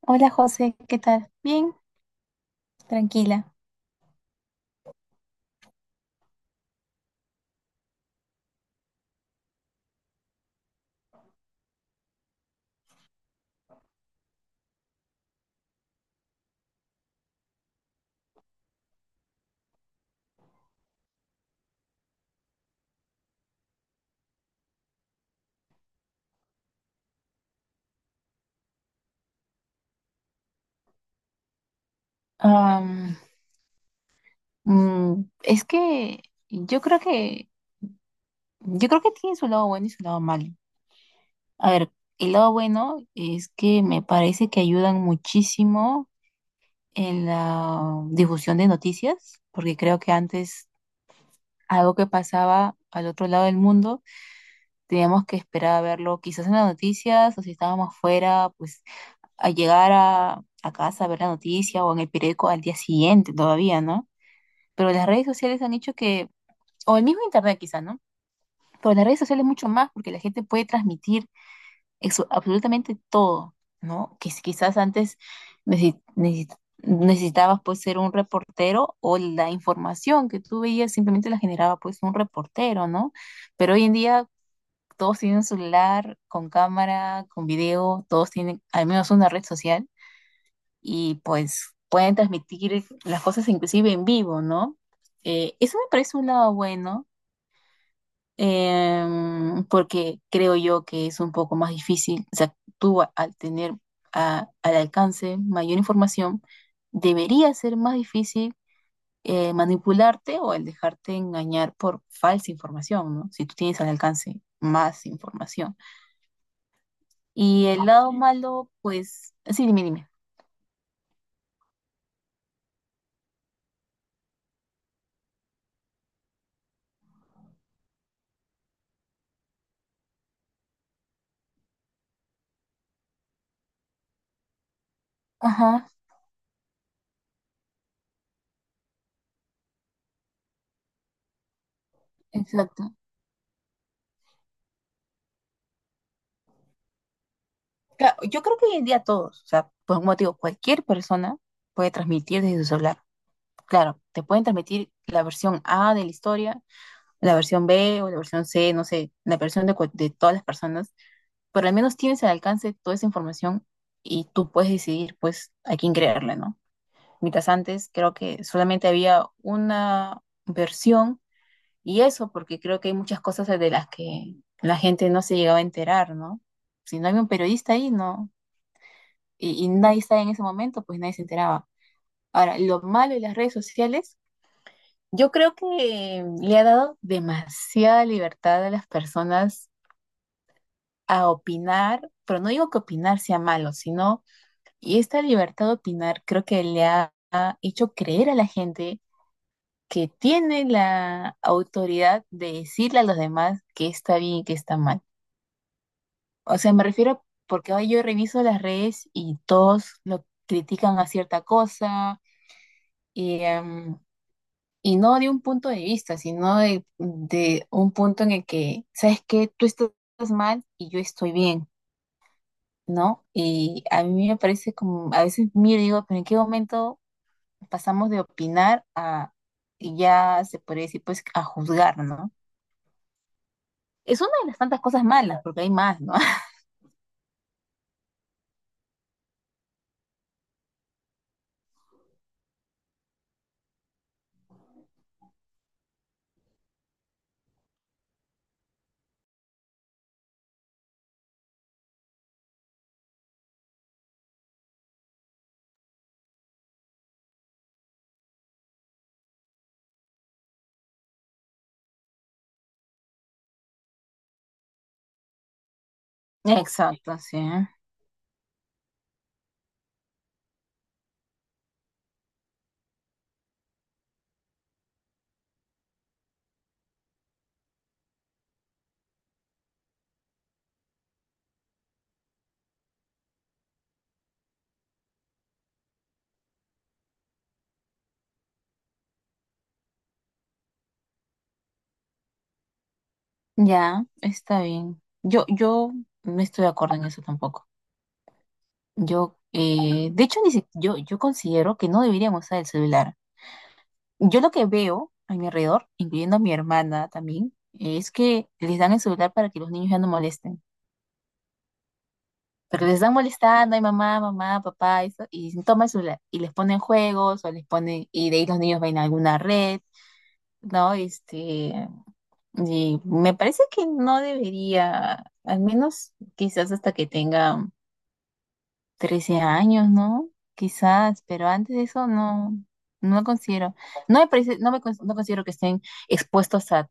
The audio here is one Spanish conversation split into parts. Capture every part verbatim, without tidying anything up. Hola José, ¿qué tal? Bien, tranquila. Am, mm, es que yo creo que yo creo que tiene su lado bueno y su lado malo. A ver, el lado bueno es que me parece que ayudan muchísimo en la difusión de noticias, porque creo que antes algo que pasaba al otro lado del mundo teníamos que esperar a verlo quizás en las noticias o si estábamos fuera, pues a llegar a, a casa a ver la noticia o en el periódico al día siguiente todavía, ¿no? Pero las redes sociales han hecho que, o el mismo internet quizá, ¿no? Pero las redes sociales mucho más porque la gente puede transmitir eso absolutamente todo, ¿no? Que si quizás antes necesi- necesi- necesitabas pues ser un reportero o la información que tú veías simplemente la generaba pues un reportero, ¿no? Pero hoy en día todos tienen un celular con cámara, con video, todos tienen al menos una red social y pues pueden transmitir las cosas inclusive en vivo, ¿no? Eh, eso me parece un lado bueno, em, porque creo yo que es un poco más difícil, o sea, tú a- al tener a- al alcance mayor información, debería ser más difícil eh, manipularte o el dejarte engañar por falsa información, ¿no? Si tú tienes al alcance más información. Y el lado malo, pues, sí, dime, dime. Ajá, exacto. Ca- Yo creo que hoy en día todos, o sea, por un motivo, cualquier persona puede transmitir desde su celular. Claro, te pueden transmitir la versión A de la historia, la versión B o la versión C, no sé, la versión de, cual- de todas las personas, pero al menos tienes al alcance toda esa información y tú puedes decidir, pues, a quién creerle, ¿no? Mientras antes creo que solamente había una versión y eso porque creo que hay muchas cosas de las que la gente no se llegaba a enterar, ¿no? Si no había un periodista ahí, no, y, y nadie estaba en ese momento, pues nadie se enteraba. Ahora, lo malo de las redes sociales, yo creo que le ha dado demasiada libertad a las personas a opinar, pero no digo que opinar sea malo, sino, y esta libertad de opinar creo que le ha, ha hecho creer a la gente que tiene la autoridad de decirle a los demás que está bien y que está mal. O sea, me refiero porque hoy yo reviso las redes y todos lo critican a cierta cosa, y, em, y no de un punto de vista, sino de, de un punto en el que, ¿sabes qué? Tú estás mal y yo estoy bien, ¿no? Y a mí me parece como, a veces miro y digo, ¿pero en qué momento pasamos de opinar a, y ya se podría decir, pues, a juzgar, ¿no? Es una de las tantas cosas malas, porque hay más, ¿no? Exacto, sí. Ya, está bien. Yo, yo no estoy de acuerdo en eso tampoco. Yo, eh, de hecho, ni si- yo, yo considero que no deberíamos usar el celular. Yo lo que veo a mi alrededor, incluyendo a mi hermana también, es que les dan el celular para que los niños ya no molesten. Porque les están molestando, ay mamá, mamá, papá, eso, y dicen, toma el celular. Y les ponen juegos, o les ponen, y de ahí los niños ven alguna red, ¿no? Este, y me parece que no debería, al menos quizás hasta que tengan trece años, ¿no? Quizás, pero antes de eso no, no lo considero. No me parece, no me, cons- no considero que estén expuestos a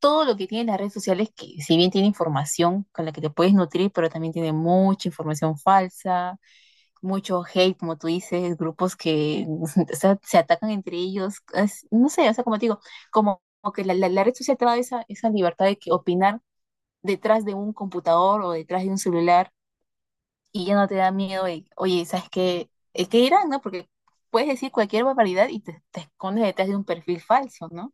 todo lo que tienen las redes sociales, que si bien tiene información con la que te puedes nutrir, pero también tiene mucha información falsa, mucho hate, como tú dices, grupos que o sea, se atacan entre ellos, es- no sé, o sea, como te digo, como, como que la, la- la red social te da esa, esa libertad de que opinar detrás de un computador o detrás de un celular y ya no te da miedo de, oye, ¿sabes qué? Eh, ¿Qué dirán, no? Porque puedes decir cualquier barbaridad y te, te escondes detrás de un perfil falso, ¿no?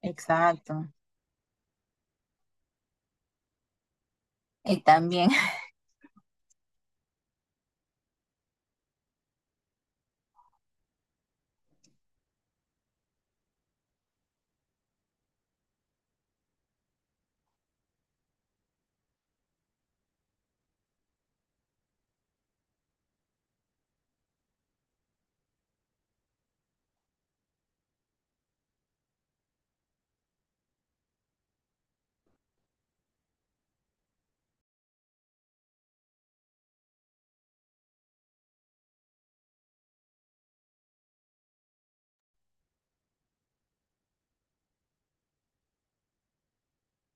Exacto. Y también.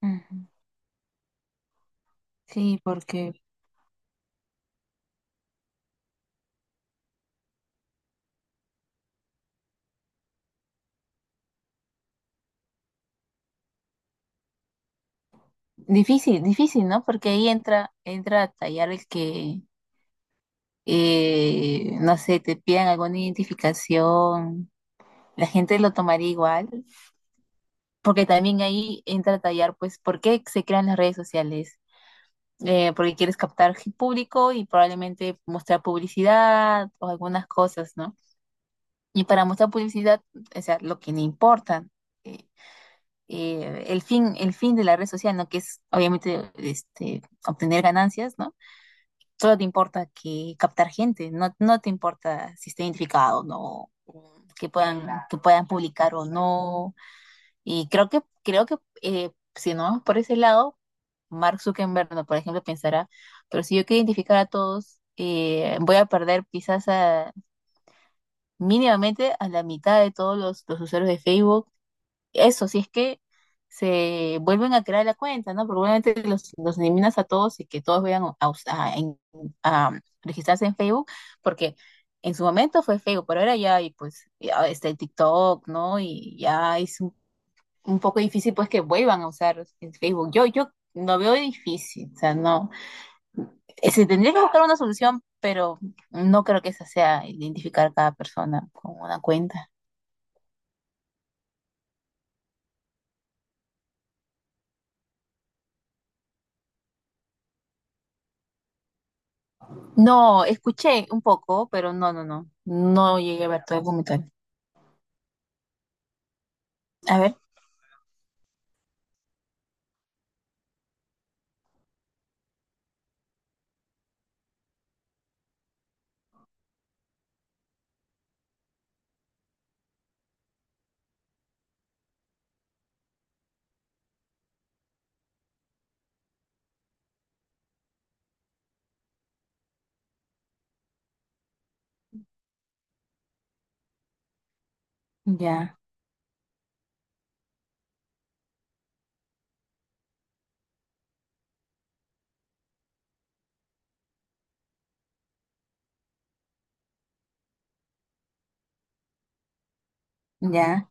Sí, porque difícil, difícil, ¿no? Porque ahí entra, entra a tallar el que, eh, no sé, te pidan alguna identificación, la gente lo tomaría igual, porque también ahí entra a tallar, pues, ¿por qué se crean las redes sociales? Eh, porque quieres captar gen- público y probablemente mostrar publicidad o algunas cosas, ¿no? Y para mostrar publicidad, o sea, lo que le importa, eh, eh, el fin, el fin de la red social, ¿no? Que es obviamente este, obtener ganancias, ¿no? Solo te importa que captar gente, no, no te importa si está identificado o no, que puedan, que puedan publicar o no. Y creo que, creo que eh, si no vamos por ese lado, Mark Zuckerberg, no, por ejemplo, pensará, pero si yo quiero identificar a todos, eh, voy a perder quizás a- mínimamente a la mitad de todos los, los usuarios de Facebook eso, si es que se vuelven a crear la cuenta, ¿no? Probablemente los, los eliminas a todos y que todos vayan a, us- a- en- a registrarse en Facebook, porque en su momento fue Facebook, pero ahora ya hay pues ya está el TikTok, ¿no? Y ya es un, un poco difícil pues que vuelvan a usar el Facebook. Yo, yo lo veo difícil, o sea, no. Eh, Se tendría que buscar una solución, pero no creo que esa sea identificar cada persona con una cuenta. No, escuché un poco, pero no, no, no. No llegué a ver todo el documental. A ver, ya, ya.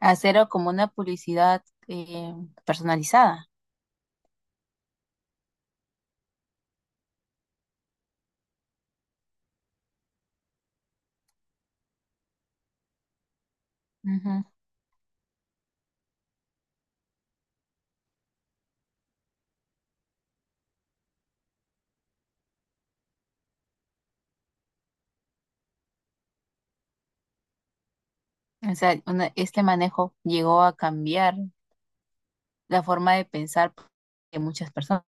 Hacerlo como una publicidad eh, personalizada. Ujú. O sea, una- este manejo llegó a cambiar la forma de pensar de muchas personas.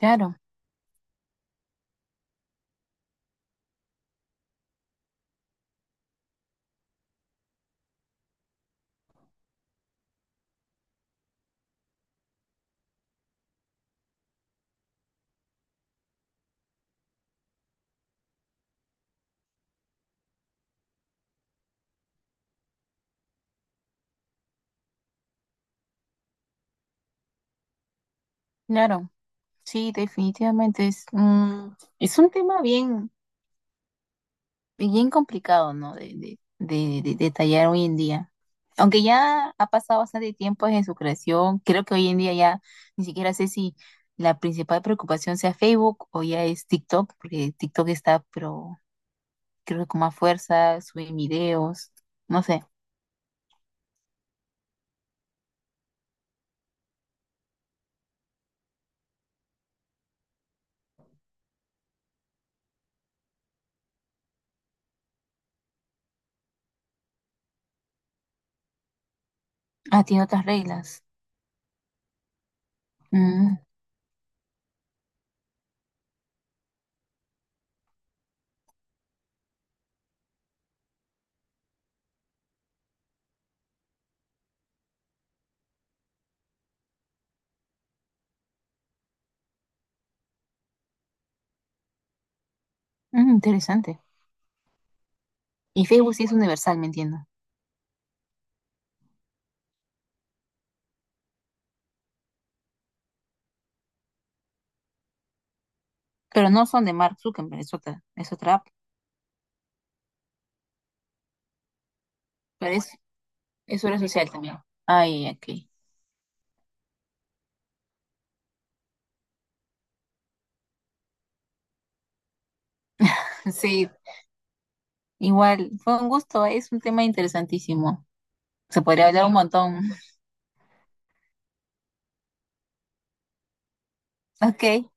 Claro, claro. Sí, definitivamente es, mm, es un tema bien, bien complicado, ¿no? De, de, de, de- de tallar hoy en día. Aunque ya ha pasado bastante tiempo desde su creación, creo que hoy en día ya ni siquiera sé si la principal preocupación sea Facebook o ya es TikTok, porque TikTok está, pero creo que con más fuerza, suben videos, no sé. Ah, tiene otras reglas. Mm, mm, interesante. Y Facebook sí es universal, me entiendo. Pero no son de Mark Zuckerberg, es otra, es otra app. Pero es, es, una social también. Ay, ok. Sí, igual, fue un gusto, es un tema interesantísimo. Se podría hablar un montón. Ok,